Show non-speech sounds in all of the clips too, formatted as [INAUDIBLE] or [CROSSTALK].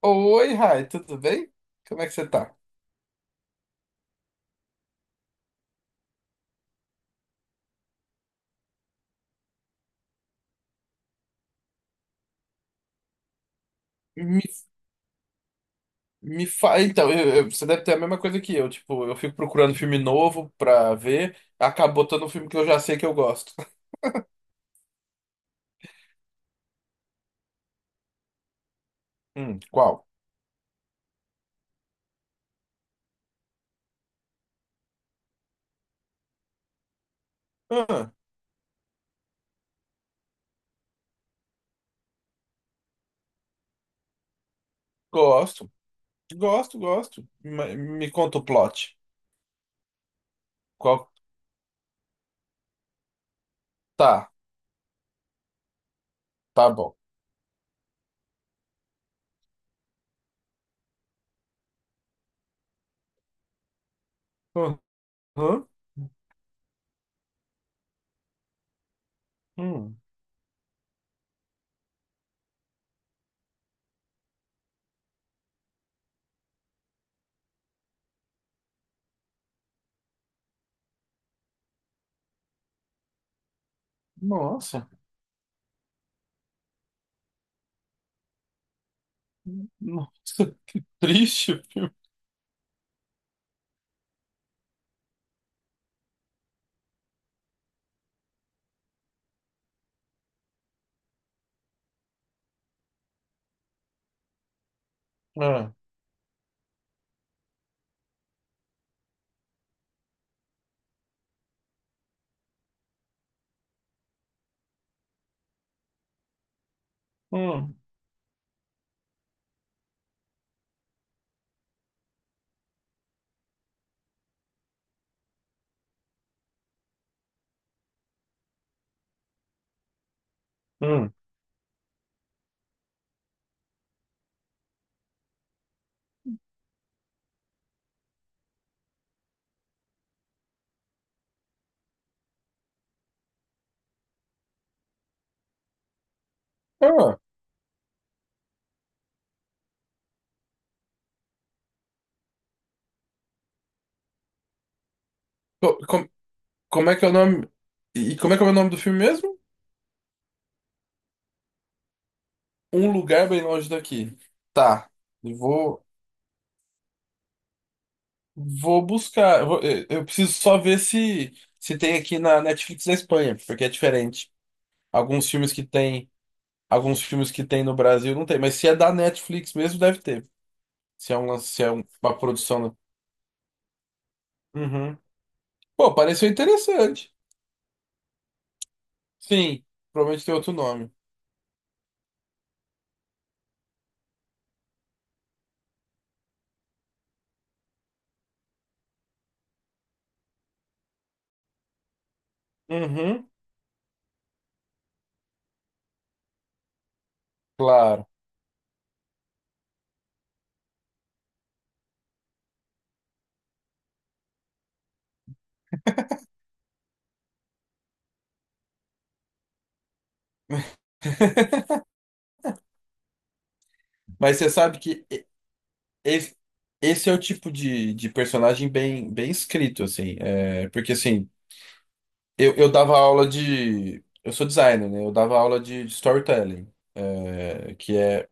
Oi, Rai, tudo bem? Como é que você tá? Me, Então, você deve ter a mesma coisa que eu. Tipo, eu fico procurando filme novo pra ver, acabou botando um filme que eu já sei que eu gosto. [LAUGHS] Qual? Ah, gosto, gosto, gosto. Me conta o plot. Qual? Tá, tá bom. Aham. Hum, nossa, nossa, [LAUGHS] que triste o filme. Ah, hum, hum. Ah, co- com- como é que é o nome? E como é que é o nome do filme mesmo? Um Lugar Bem Longe Daqui. Tá. Eu vou buscar. Eu preciso só ver se tem aqui na Netflix da Espanha, porque é diferente. Alguns filmes que tem, alguns filmes que tem no Brasil não tem, mas se é da Netflix mesmo, deve ter. Se é um, lance- se é um- Uma produção. Uhum. Pô, pareceu interessante. Sim, provavelmente tem outro nome. Uhum, claro. Mas você sabe que esse, esse é o tipo de personagem bem, bem escrito, assim. É, porque assim. Eu dava aula de. Eu sou designer, né? Eu dava aula de storytelling, é, que é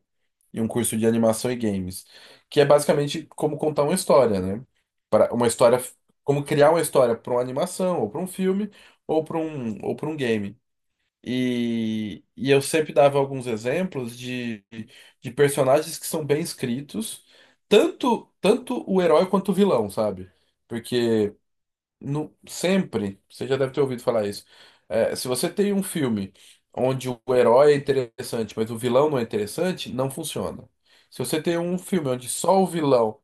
em um curso de animação e games, que é basicamente como contar uma história, né? Para uma história, como criar uma história para uma animação, ou para um filme, ou para um game. E eu sempre dava alguns exemplos de personagens que são bem escritos, tanto o herói quanto o vilão, sabe? Porque no, sempre, você já deve ter ouvido falar isso. É, se você tem um filme onde o herói é interessante, mas o vilão não é interessante, não funciona. Se você tem um filme onde só o vilão.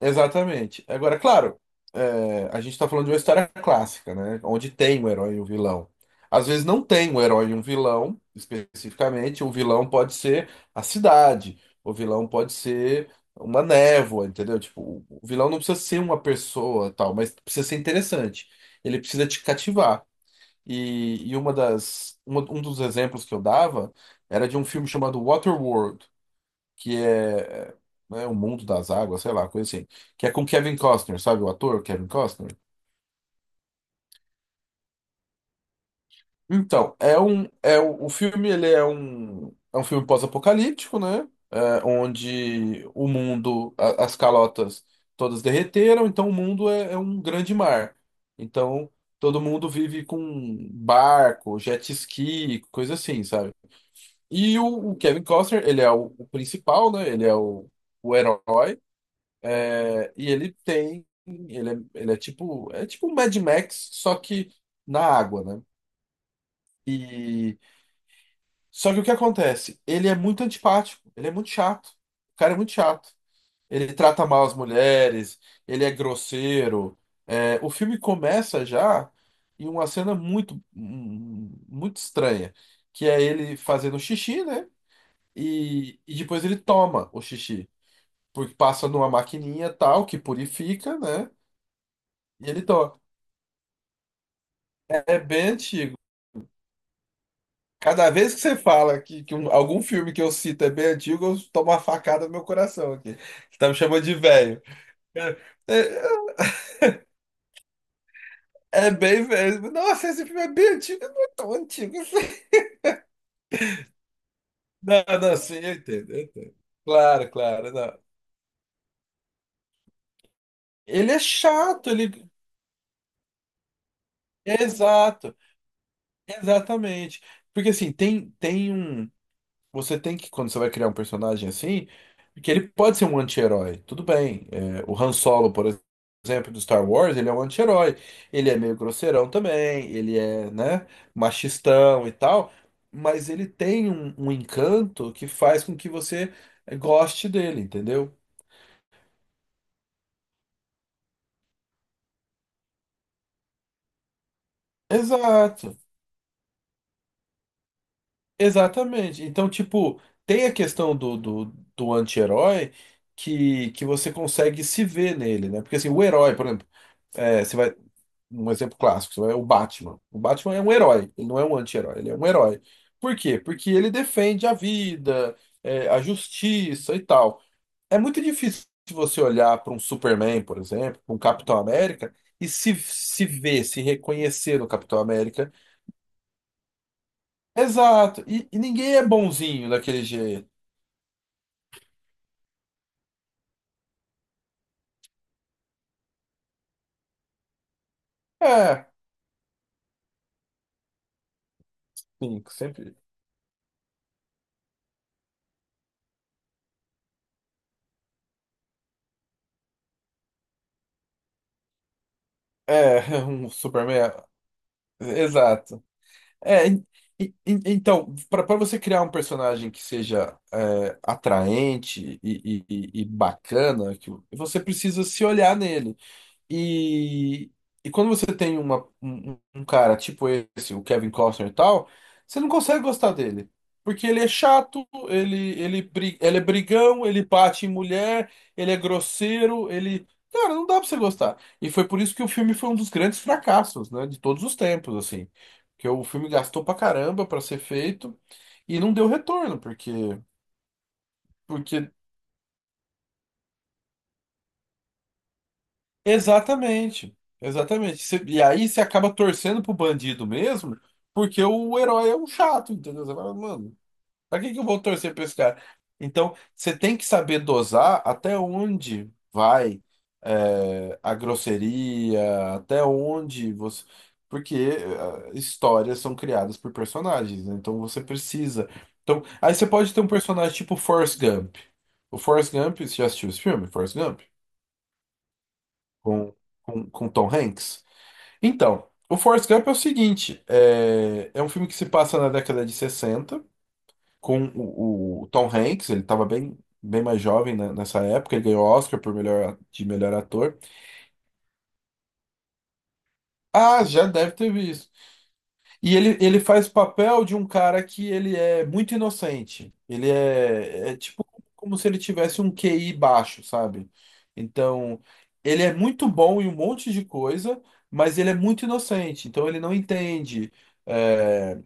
Exatamente. Agora, claro, é, a gente está falando de uma história clássica, né? Onde tem um herói e um vilão. Às vezes não tem um herói e um vilão, especificamente. O vilão pode ser a cidade, o vilão pode ser uma névoa, entendeu? Tipo, o vilão não precisa ser uma pessoa, tal, mas precisa ser interessante. Ele precisa te cativar. E um dos exemplos que eu dava era de um filme chamado Waterworld, que é, né, O Mundo das Águas, sei lá, coisa assim, que é com Kevin Costner, sabe o ator Kevin Costner? Então, é o filme, ele é um filme pós-apocalíptico, né? É, onde o mundo, as calotas todas derreteram, então o mundo é um grande mar. Então, todo mundo vive com barco, jet ski, coisa assim, sabe? E o Kevin Costner, ele é o principal, né? Ele é o herói. E ele tem, ele é tipo um Mad Max, só que na água, né? E só que o que acontece? Ele é muito antipático, ele é muito chato. O cara é muito chato. Ele trata mal as mulheres, ele é grosseiro. É, o filme começa já em uma cena muito, muito estranha, que é ele fazendo xixi, né? E depois ele toma o xixi, porque passa numa maquininha tal que purifica, né? E ele toma. É bem antigo. Cada vez que você fala que, algum filme que eu cito é bem antigo, eu tomo uma facada no meu coração aqui. Você tá me chamando de velho. Cara, É, é bem velho. Nossa, esse filme é bem antigo, não é tão antigo assim. [LAUGHS] Não, não, sim, eu entendo, eu entendo. Claro, claro, não. Ele é chato, ele. Exato, exatamente. Porque assim, tem um. Você tem que, quando você vai criar um personagem assim, que ele pode ser um anti-herói, tudo bem. É, o Han Solo, por exemplo, do Star Wars, ele é um anti-herói. Ele é meio grosseirão também, ele é, né, machistão e tal, mas ele tem um encanto que faz com que você goste dele, entendeu? Exato, exatamente. Então, tipo, tem a questão do anti-herói que você consegue se ver nele, né? Porque assim, o herói, por exemplo. É, você vai. Um exemplo clássico, você vai, o Batman. O Batman é um herói, ele não é um anti-herói, ele é um herói. Por quê? Porque ele defende a vida, é, a justiça e tal. É muito difícil você olhar para um Superman, por exemplo, para um Capitão América, e se ver, se reconhecer no Capitão América. Exato, e ninguém é bonzinho daquele jeito. É, sim, sempre. É, [LAUGHS] um Superman. É, Exato. É, então, para você criar um personagem que seja é, atraente e bacana, que você precisa se olhar nele. E, e quando você tem um cara tipo esse, o Kevin Costner e tal, você não consegue gostar dele. Porque ele é chato, ele é brigão, ele bate em mulher, ele é grosseiro, ele. Cara, não dá pra você gostar. E foi por isso que o filme foi um dos grandes fracassos, né? De todos os tempos, assim. Porque o filme gastou pra caramba pra ser feito e não deu retorno, porque. Porque. Exatamente, exatamente. E aí você acaba torcendo pro bandido mesmo, porque o herói é um chato, entendeu? Você fala, mano, pra que que eu vou torcer pra esse cara? Então, você tem que saber dosar até onde vai é, a grosseria, até onde você. Porque é, histórias são criadas por personagens, né? Então você precisa. Então, aí você pode ter um personagem tipo Forrest Gump. O Forrest Gump, você já assistiu esse filme? Forrest Gump? com, com Tom Hanks. Então, o Forrest Gump é o seguinte: é um filme que se passa na década de 60, com o Tom Hanks, ele estava bem, bem mais jovem né, nessa época, ele ganhou Oscar por de melhor ator. Ah, já deve ter visto. E ele faz o papel de um cara que ele é muito inocente. Ele é tipo como se ele tivesse um QI baixo, sabe? Então, ele é muito bom em um monte de coisa, mas ele é muito inocente. Então, ele não entende. eh,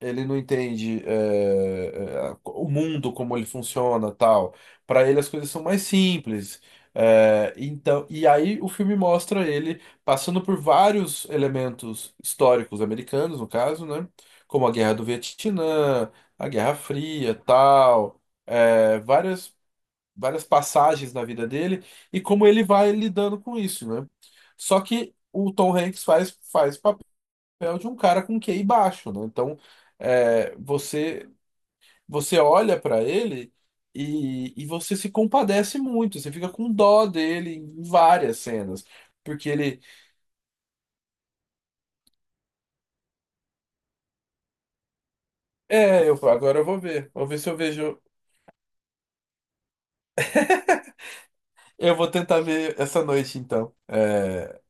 Ele não entende o mundo, como ele funciona, tal. Para ele as coisas são mais simples. É, então, e aí o filme mostra ele passando por vários elementos históricos americanos, no caso, né? Como a Guerra do Vietnã, a Guerra Fria, tal. É, várias passagens na vida dele e como ele vai lidando com isso, né? Só que o Tom Hanks faz papel de um cara com QI baixo, né? Então, é, você olha para ele e você se compadece muito, você fica com dó dele em várias cenas, porque ele, é, eu agora, vou ver se eu vejo, eu vou tentar ver essa noite então. É,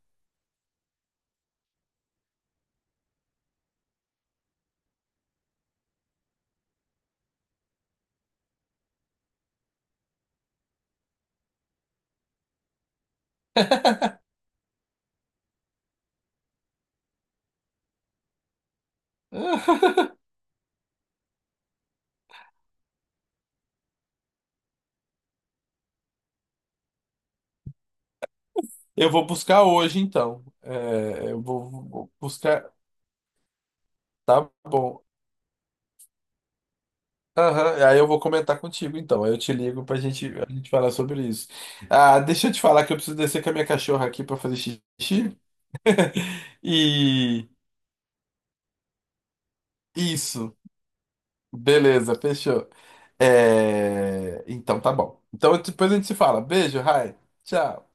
[LAUGHS] eu vou buscar hoje então, É, eu vou buscar, tá bom. Aham, aí eu vou comentar contigo então. Aí eu te ligo pra gente, a gente falar sobre isso. Ah, deixa eu te falar que eu preciso descer com a minha cachorra aqui pra fazer xixi. E isso, beleza, fechou. É, Então tá bom. Então depois a gente se fala. Beijo, Rai. Tchau.